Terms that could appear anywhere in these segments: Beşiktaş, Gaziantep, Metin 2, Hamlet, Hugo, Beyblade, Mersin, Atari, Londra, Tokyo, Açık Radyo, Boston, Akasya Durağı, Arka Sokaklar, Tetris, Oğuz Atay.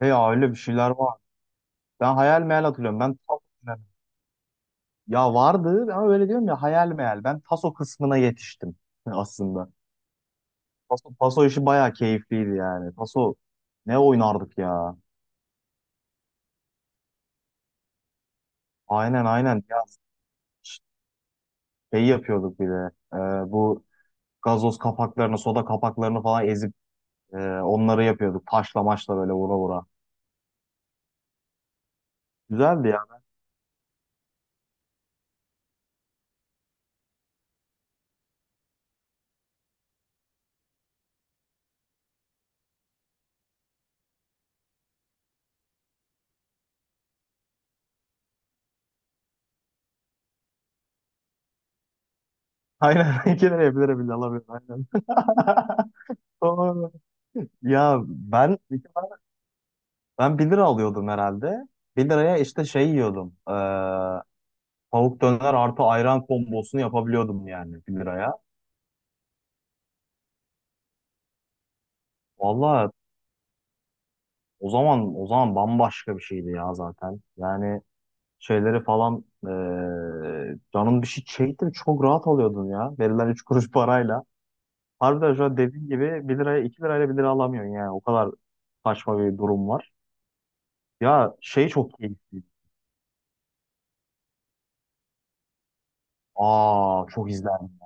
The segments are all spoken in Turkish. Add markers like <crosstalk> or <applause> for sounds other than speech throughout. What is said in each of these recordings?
He ya öyle bir şeyler var. Ben hayal meyal hatırlıyorum. Ben Taso Ya vardı ama öyle diyorum ya hayal meyal. Ben Taso kısmına yetiştim <laughs> aslında. Taso, Taso işi bayağı keyifliydi yani. Ne oynardık ya. Aynen aynen. Ya şey yapıyorduk bir de. Bu gazoz kapaklarını, soda kapaklarını falan ezip onları yapıyorduk. Taşla maçla böyle vura vura. Güzeldi ya. <laughs> Aynen. İki lira yapılır bile alamıyorum. Aynen. <laughs> Doğru. Ya ben Ben 1 lira alıyordum herhalde. 1 liraya işte şey yiyordum. Tavuk döner artı ayran kombosunu yapabiliyordum yani 1 liraya. Valla o zaman bambaşka bir şeydi ya zaten. Yani şeyleri falan canım bir şey çekti mi çok rahat alıyordun ya. Verilen 3 kuruş <laughs> parayla. Harbiden şu an dediğin gibi 1 liraya 2 lirayla bir lira alamıyorsun yani. O kadar saçma bir durum var. Ya şey çok keyifliydi. Aa, çok izlendim.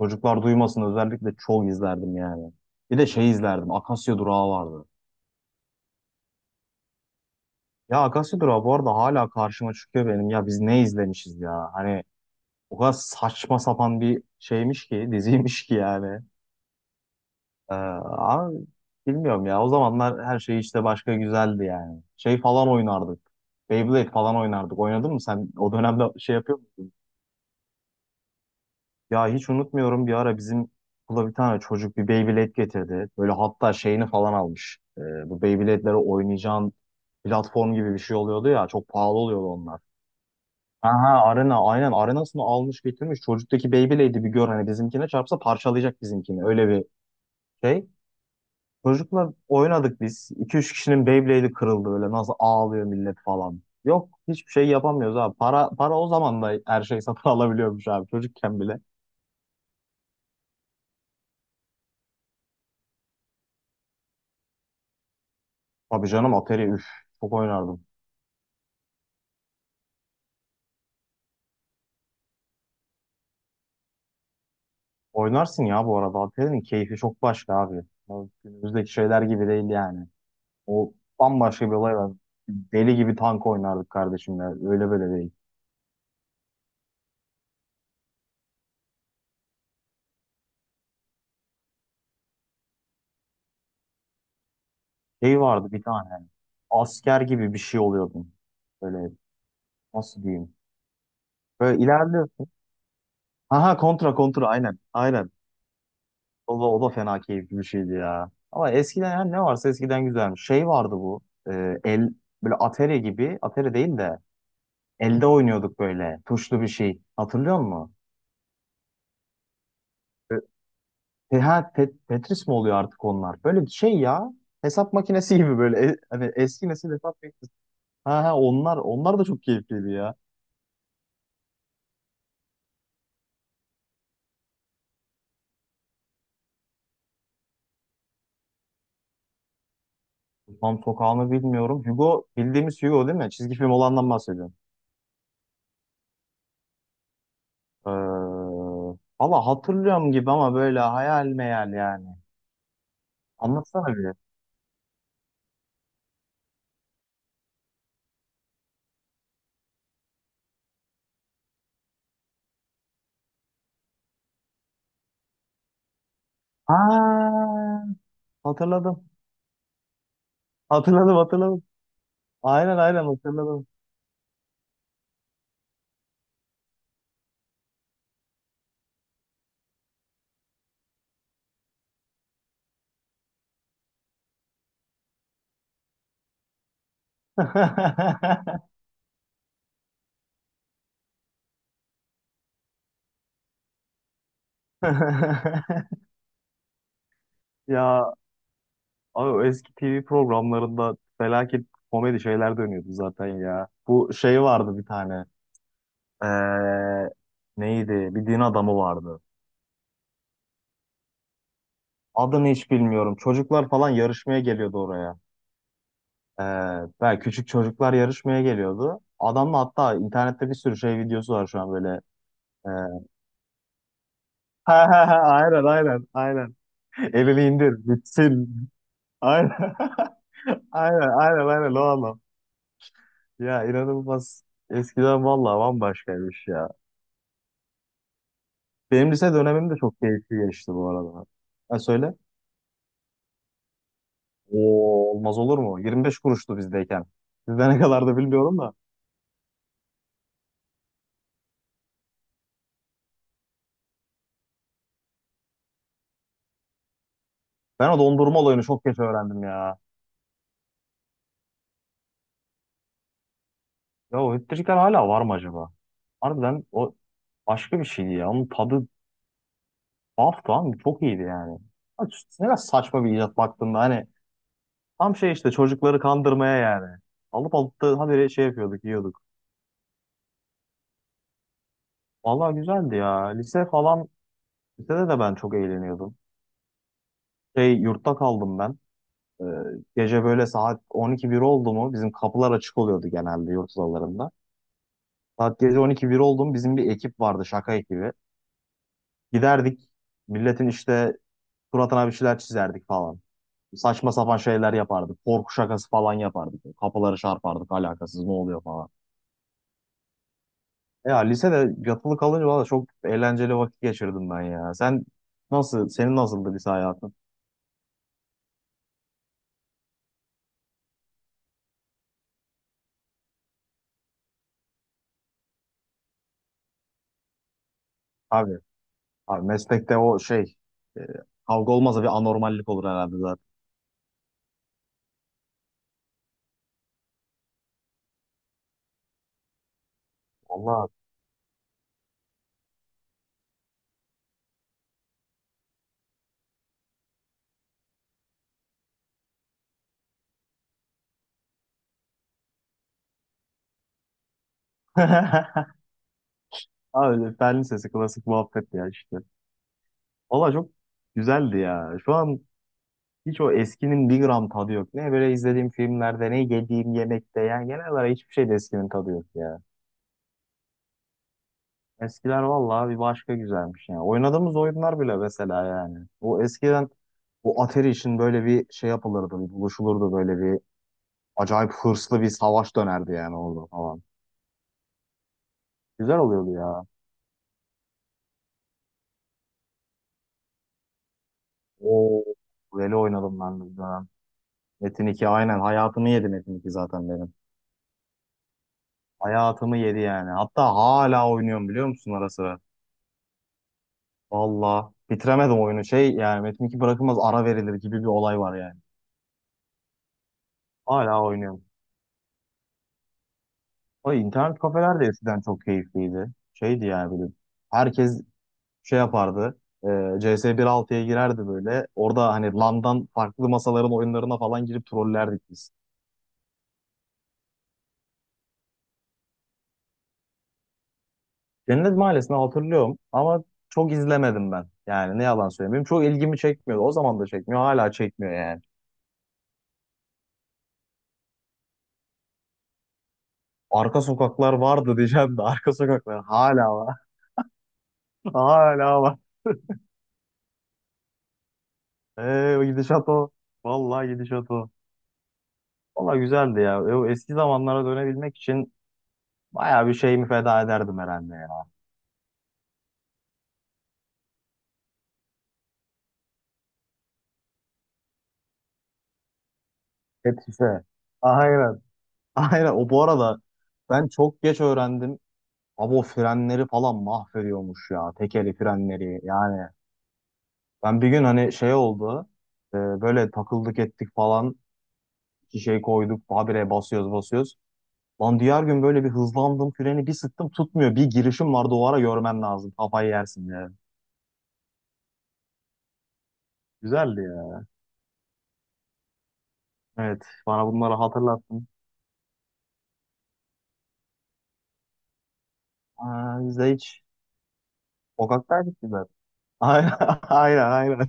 Çocuklar Duymasın özellikle çok izlerdim yani. Bir de şey izlerdim. Akasya Durağı vardı. Ya Akasya Durağı bu arada hala karşıma çıkıyor benim. Ya biz ne izlemişiz ya? Hani o kadar saçma sapan bir şeymiş ki, <laughs> diziymiş ki yani. Ama bilmiyorum ya. O zamanlar her şey işte başka güzeldi yani. Şey falan oynardık. Beyblade falan oynardık. Oynadın mı sen? O dönemde şey yapıyor. Ya hiç unutmuyorum bir ara bizim okula bir tane çocuk bir Beyblade getirdi. Böyle hatta şeyini falan almış. Bu Beyblade'lere oynayacağın platform gibi bir şey oluyordu ya. Çok pahalı oluyordu onlar. Aha arena aynen arenasını almış getirmiş. Çocuktaki Beyblade'i bir gör, hani bizimkine çarpsa parçalayacak bizimkini. Öyle bir şey. Çocukla oynadık biz. İki üç kişinin Beyblade'i kırıldı böyle, nasıl ağlıyor millet falan. Yok, hiçbir şey yapamıyoruz abi. Para, para o zaman da her şey satın <laughs> alabiliyormuş abi, çocukken bile. Tabii canım, Atari, üf. Çok oynardım. Oynarsın ya bu arada. Alperen'in keyfi çok başka abi. Ya günümüzdeki şeyler gibi değil yani. O, bambaşka bir olay var. Deli gibi tank oynardık kardeşimle. Öyle böyle değil. Şey vardı bir tane. Asker gibi bir şey oluyordun. Böyle, nasıl diyeyim. Böyle ilerliyorsun. Aha, kontra, kontra aynen. Aynen. O da fena keyifli bir şeydi ya. Ama eskiden, yani ne varsa eskiden güzelmiş. Şey vardı bu. El böyle, Atari gibi. Atari değil de elde oynuyorduk böyle. Tuşlu bir şey. Hatırlıyor musun? Ha, Tetris mi oluyor artık onlar? Böyle bir şey ya. Hesap makinesi gibi böyle. Hani eski nesil hesap makinesi. Ha ha, onlar da çok keyifliydi ya. Tam sokağını bilmiyorum. Hugo bildiğimiz Hugo değil mi? Çizgi film olandan bahsediyorum. Ee, Valla hatırlıyorum gibi ama böyle hayal meyal yani. Anlatsana bir. Ha, hatırladım. Hatırladım, hatırladım. Aynen aynen, hatırladım. <laughs> Ya abi, o eski TV programlarında felaket komedi şeyler dönüyordu zaten ya. Bu şey vardı bir tane. Ee, Neydi? Bir din adamı vardı. Adını hiç bilmiyorum. Çocuklar falan yarışmaya geliyordu oraya. Ee, Belki küçük çocuklar yarışmaya geliyordu. Adamla hatta internette bir sürü şey videosu var şu an böyle. Ee, <laughs> ha, ha, ha, <laughs> aynen aynen aynen. Elini indir bitsin. Aynen. <laughs> Aynen aynen aynen, o adam. Ya, inanılmaz. Eskiden vallahi bambaşkaymış ya. Benim lise dönemim de çok keyifli geçti bu arada. Ha, söyle. Oo, olmaz olur mu? 25 kuruştu bizdeyken. Sizde ne kadar da bilmiyorum da. Ben o dondurma olayını çok geç öğrendim ya. Ya o hütteciler hala var mı acaba? Harbiden o başka bir şeydi ya. Onun tadı tuhaf, tamam mı? Çok iyiydi yani. Ha, ne kadar saçma bir icat baktığında, hani tam şey işte, çocukları kandırmaya yani. Alıp alıp da habire şey yapıyorduk, yiyorduk. Vallahi güzeldi ya. Lise falan, lisede de ben çok eğleniyordum. Şey, yurtta kaldım ben. Ee, Gece böyle saat 12-1 oldu mu bizim kapılar açık oluyordu genelde yurt odalarında. Saat gece 12-1 oldu mu, bizim bir ekip vardı, şaka ekibi. Giderdik, milletin işte suratına bir şeyler çizerdik falan. Saçma sapan şeyler yapardık. Korku şakası falan yapardık. Kapıları çarpardık, alakasız, ne oluyor falan. Ya lisede yatılı kalınca valla çok eğlenceli vakit geçirdim ben ya. Senin nasıldı lise hayatın? Abi, abi meslekte o şey, e, kavga olmasa bir anormallik olur herhalde zaten. Allah. <laughs> Aa, öyle Berlin sesi klasik muhabbet ya işte. Valla çok güzeldi ya. Şu an hiç o eskinin bir gram tadı yok. Ne böyle izlediğim filmlerde, ne yediğim yemekte, yani genel olarak hiçbir şeyde eskinin tadı yok ya. Eskiler valla bir başka güzelmiş ya. Oynadığımız oyunlar bile mesela yani. O eskiden bu Atari için böyle bir şey yapılırdı, bir buluşulurdu, böyle bir acayip hırslı bir savaş dönerdi yani orada falan. Güzel oluyordu ya. O, böyle oynadım ben bir dönem. Metin 2 aynen hayatımı yedi, Metin 2 zaten benim. Hayatımı yedi yani. Hatta hala oynuyorum biliyor musun, ara sıra? Valla bitiremedim oyunu. Şey, yani Metin 2 bırakılmaz, ara verilir gibi bir olay var yani. Hala oynuyorum. O internet kafeler de eskiden çok keyifliydi. Şeydi yani böyle. Herkes şey yapardı. CS 1.6'ya girerdi böyle. Orada hani LAN'dan farklı masaların oyunlarına falan girip trollerdik biz. Cennet Mahallesi'ni hatırlıyorum ama çok izlemedim ben. Yani ne yalan söyleyeyim. Benim çok ilgimi çekmiyordu. O zaman da çekmiyor. Hala çekmiyor yani. Arka sokaklar vardı diyeceğim de arka sokaklar hala var. <laughs> Hala var. O gidişat o. Vallahi gidişat o. Valla güzeldi ya. O eski zamanlara dönebilmek için bayağı bir şeyimi feda ederdim herhalde ya. Hepsi. Aynen. <laughs> Aynen. O bu arada ben çok geç öğrendim. Abi, o frenleri falan mahvediyormuş ya. Tekeli frenleri yani. Ben bir gün hani şey oldu. Böyle takıldık ettik falan. Şişeyi koyduk. Habire basıyoruz basıyoruz. Lan diğer gün böyle bir hızlandım, freni bir sıktım, tutmuyor. Bir girişim vardı o ara, görmen lazım. Kafayı yersin ya. Güzeldi ya. Evet, bana bunları hatırlattın. Aa, biz de hiç sokaktaydık biz zaten. <laughs> Aynen aynen aynen.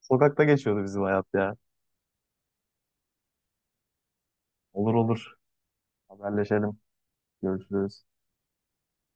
Sokakta geçiyordu bizim hayat ya. Olur olur. Haberleşelim. Görüşürüz.